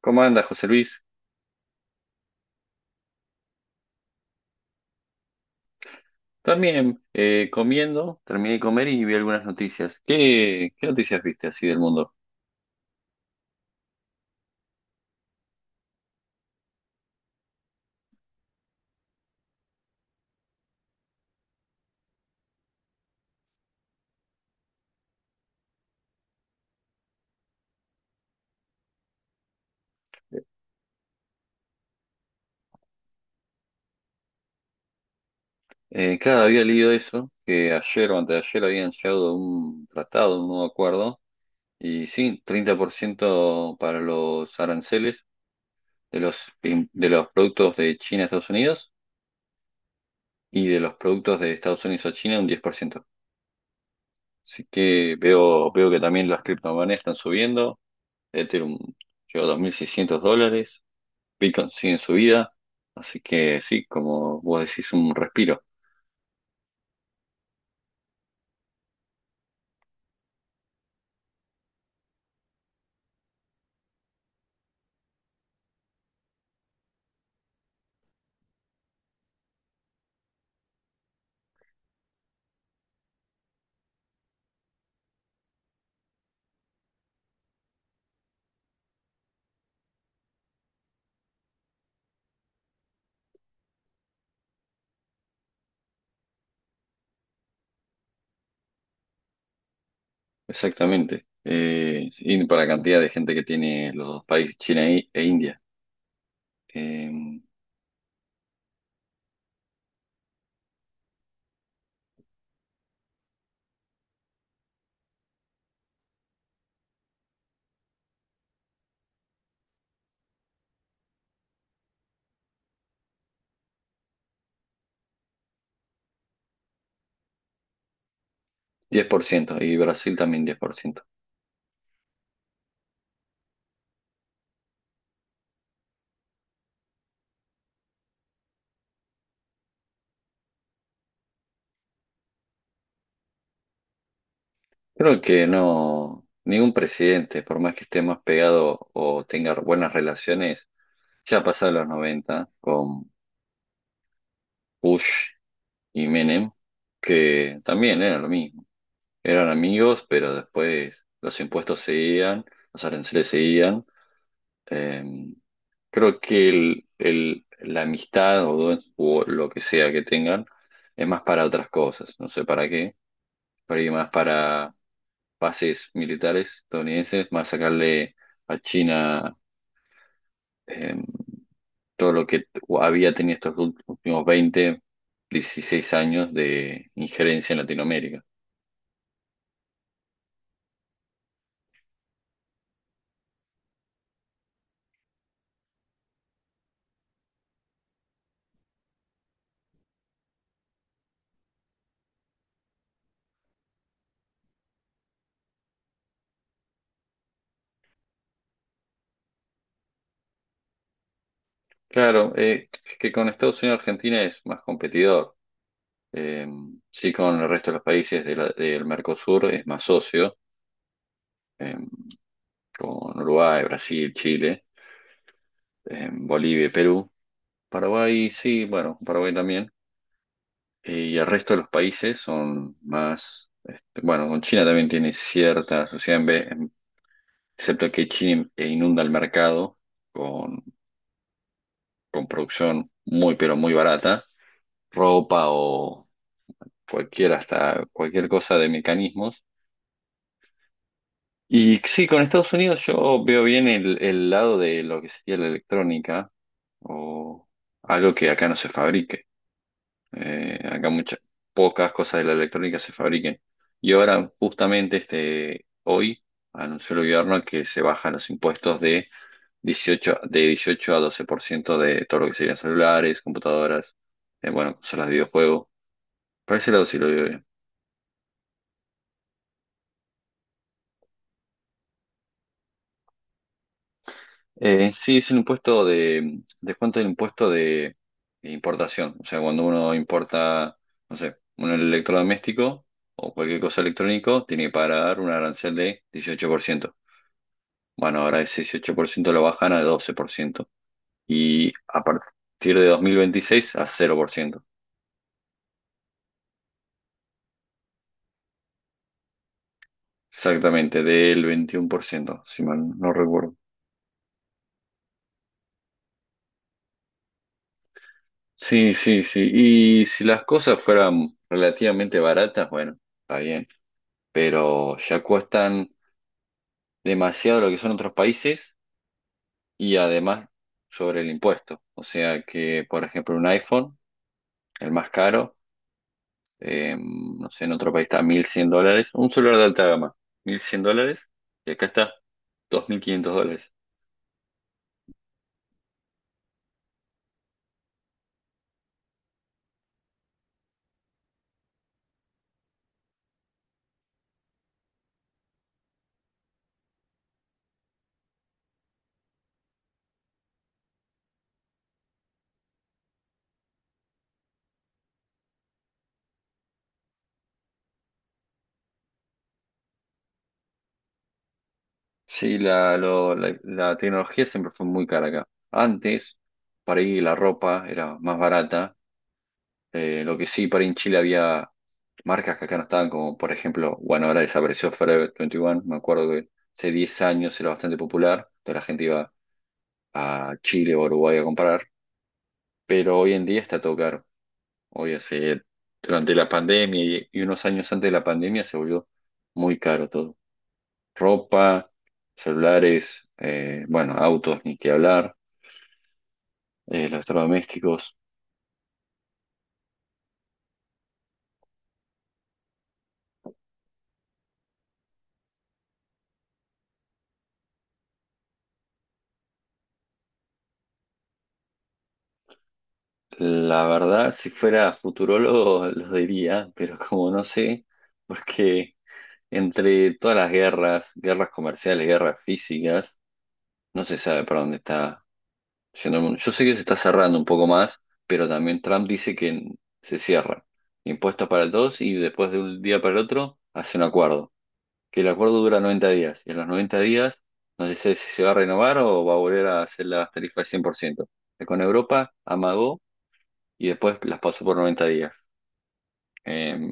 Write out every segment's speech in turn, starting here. ¿Cómo andas, José Luis? También comiendo, terminé de comer y vi algunas noticias. ¿Qué noticias viste así del mundo? Claro, había leído eso, que ayer o antes de ayer habían llegado a un tratado, un nuevo acuerdo, y sí, 30% para los aranceles de los productos de China a Estados Unidos y de los productos de Estados Unidos a China un 10%. Así que veo que también las criptomonedas están subiendo, Ethereum llegó a 2.600 dólares. Pickens sigue su vida, así que sí, como vos decís, un respiro, exactamente. Y para la cantidad de gente que tiene los dos países, China e India, eh, 10% y Brasil también 10%. Creo que no, ningún presidente, por más que esté más pegado o tenga buenas relaciones, ya pasaron los 90 con Bush y Menem, que también era lo mismo. Eran amigos, pero después los impuestos seguían, los aranceles seguían. Eh, Creo que la amistad o lo que sea que tengan es más para otras cosas, no sé para qué, pero ahí más para bases militares estadounidenses, más sacarle a China, eh, todo lo que había tenido estos últimos 20 16 años de injerencia en Latinoamérica. Claro, que con Estados Unidos Argentina es más competidor. Eh, sí, con el resto de los países del Mercosur es más socio. em, con Uruguay, Brasil, Chile, Bolivia, y Perú, Paraguay, sí, bueno, Paraguay también. Y el resto de los países son más, este, bueno, con China también tiene cierta sociedad, excepto que China inunda el mercado con, con producción muy, pero muy barata, ropa o cualquier, hasta cualquier cosa de mecanismos. Y sí, con Estados Unidos yo veo bien el lado de lo que sería la electrónica o algo que acá no se fabrique. Acá pocas cosas de la electrónica se fabriquen. Y ahora, justamente este, hoy, anunció el gobierno que se bajan los impuestos de dieciocho a 12% de todo lo que serían celulares, computadoras, bueno, consolas de videojuegos. Por ese lado sí lo veo bien. En sí, es un impuesto de descuento del impuesto de importación. O sea, cuando uno importa, no sé, un electrodoméstico o cualquier cosa electrónico, tiene que pagar un arancel de 18%. Bueno, ahora ese 18% lo bajan a 12%. Y a partir de 2026 a 0%. Exactamente, del 21%, si mal no recuerdo. Sí, sí, sí. Y si las cosas fueran relativamente baratas, bueno, está bien. Pero ya cuestan demasiado lo que son otros países y además sobre el impuesto. O sea que, por ejemplo, un iPhone, el más caro, no sé, en otro país está 1.100 dólares, un celular de alta gama, 1.100 dólares, y acá está 2.500 dólares. Sí, la tecnología siempre fue muy cara acá. Antes, para ir la ropa era más barata, lo que sí, para ir en Chile había marcas que acá no estaban, como por ejemplo, bueno, ahora desapareció Forever 21, me acuerdo que hace 10 años era bastante popular, toda la gente iba a Chile o a Uruguay a comprar, pero hoy en día está todo caro. Oye, durante la pandemia y unos años antes de la pandemia se volvió muy caro todo. Ropa, celulares, bueno, autos, ni que hablar, electrodomésticos. La verdad, si fuera futurólogo, lo diría, pero como no sé, porque entre todas las guerras, guerras comerciales, guerras físicas, no se sabe para dónde está. Yo sé que se está cerrando un poco más, pero también Trump dice que se cierra. Impuestos para el 2 y después de un día para el otro hace un acuerdo. Que el acuerdo dura 90 días. Y en los 90 días no se sabe si se va a renovar o va a volver a hacer las tarifas 100%. Que con Europa amagó y después las pasó por 90 días. Em,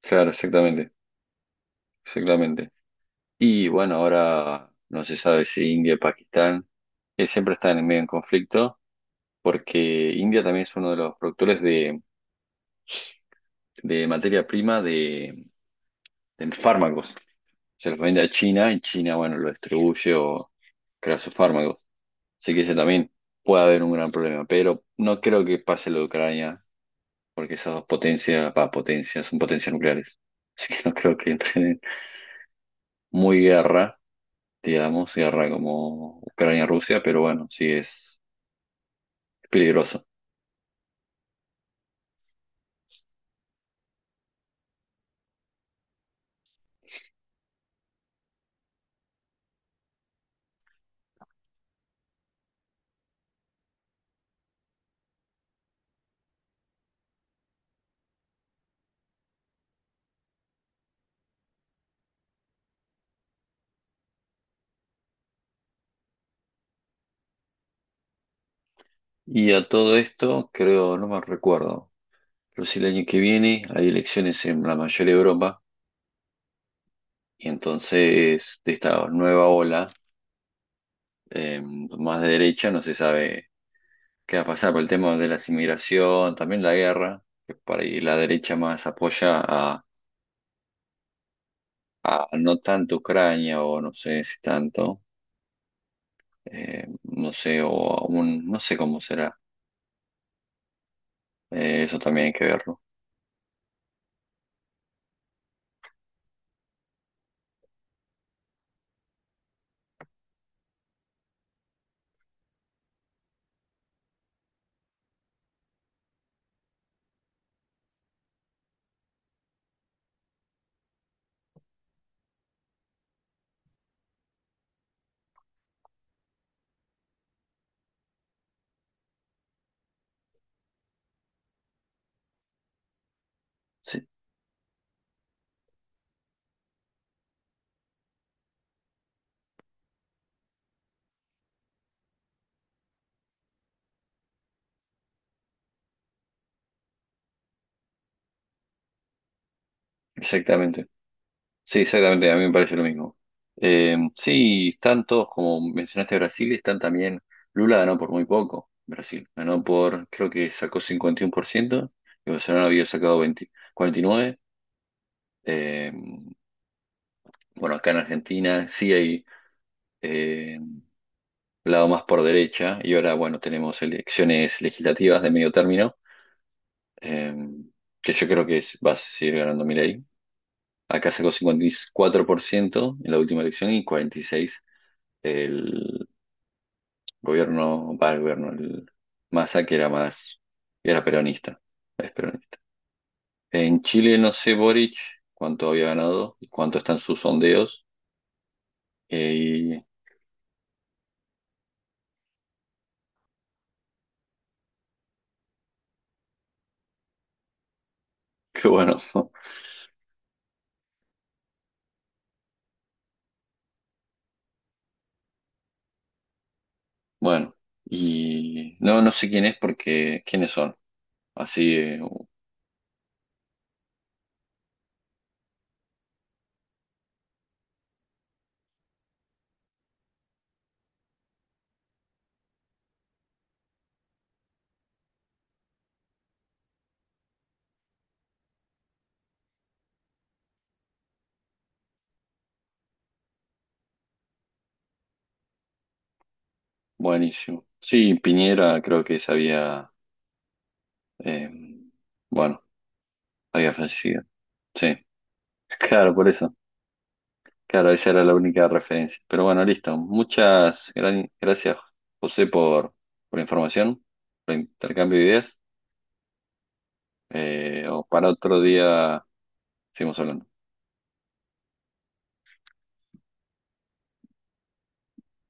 claro, exactamente. Exactamente. Y bueno, ahora no se sabe si India y Pakistán, siempre están en medio en conflicto, porque India también es uno de los productores de materia prima de fármacos. Se los vende a China y China, bueno, lo distribuye o crea sus fármacos. Así que ese también puede haber un gran problema, pero no creo que pase lo de Ucrania, porque esas dos potencias, va, potencias, son potencias nucleares. Así que no creo que entren en muy guerra, digamos, guerra como Ucrania-Rusia, pero bueno, sí es peligroso. Y a todo esto, creo, no me recuerdo, pero sí el año que viene hay elecciones en la mayor Europa y entonces de esta nueva ola, eh, más de derecha no se sabe qué va a pasar por el tema de la inmigración, también la guerra, que para ahí la derecha más apoya a no tanto Ucrania o no sé si tanto, no sé, o a un, no sé cómo será, eso también hay que verlo. Sí, exactamente. Sí, exactamente, a mí me parece lo mismo. Sí, están todos, como mencionaste, Brasil, están también, Lula ganó por muy poco, Brasil, ganó por, creo que sacó 51% y Bolsonaro había sacado 20 49%. Eh, bueno, acá en Argentina sí hay, eh, lado más por derecha, y ahora, bueno, tenemos elecciones legislativas de medio término, eh, que yo creo que va a seguir ganando Milei. Acá sacó 54% en la última elección y 46. el para el gobierno, el Massa que era más, era peronista, es peronista. En Chile no sé Boric cuánto había ganado y cuánto están sus sondeos. Y qué bueno, bueno. Y no, no sé quién es porque, ¿quiénes son? Así, buenísimo. Sí, Piñera creo que se había, eh, bueno, había fallecido. Sí, claro, por eso. Claro, esa era la única referencia. Pero bueno, listo. Muchas gracias, José, por la información, por el intercambio de ideas. O para otro día seguimos hablando.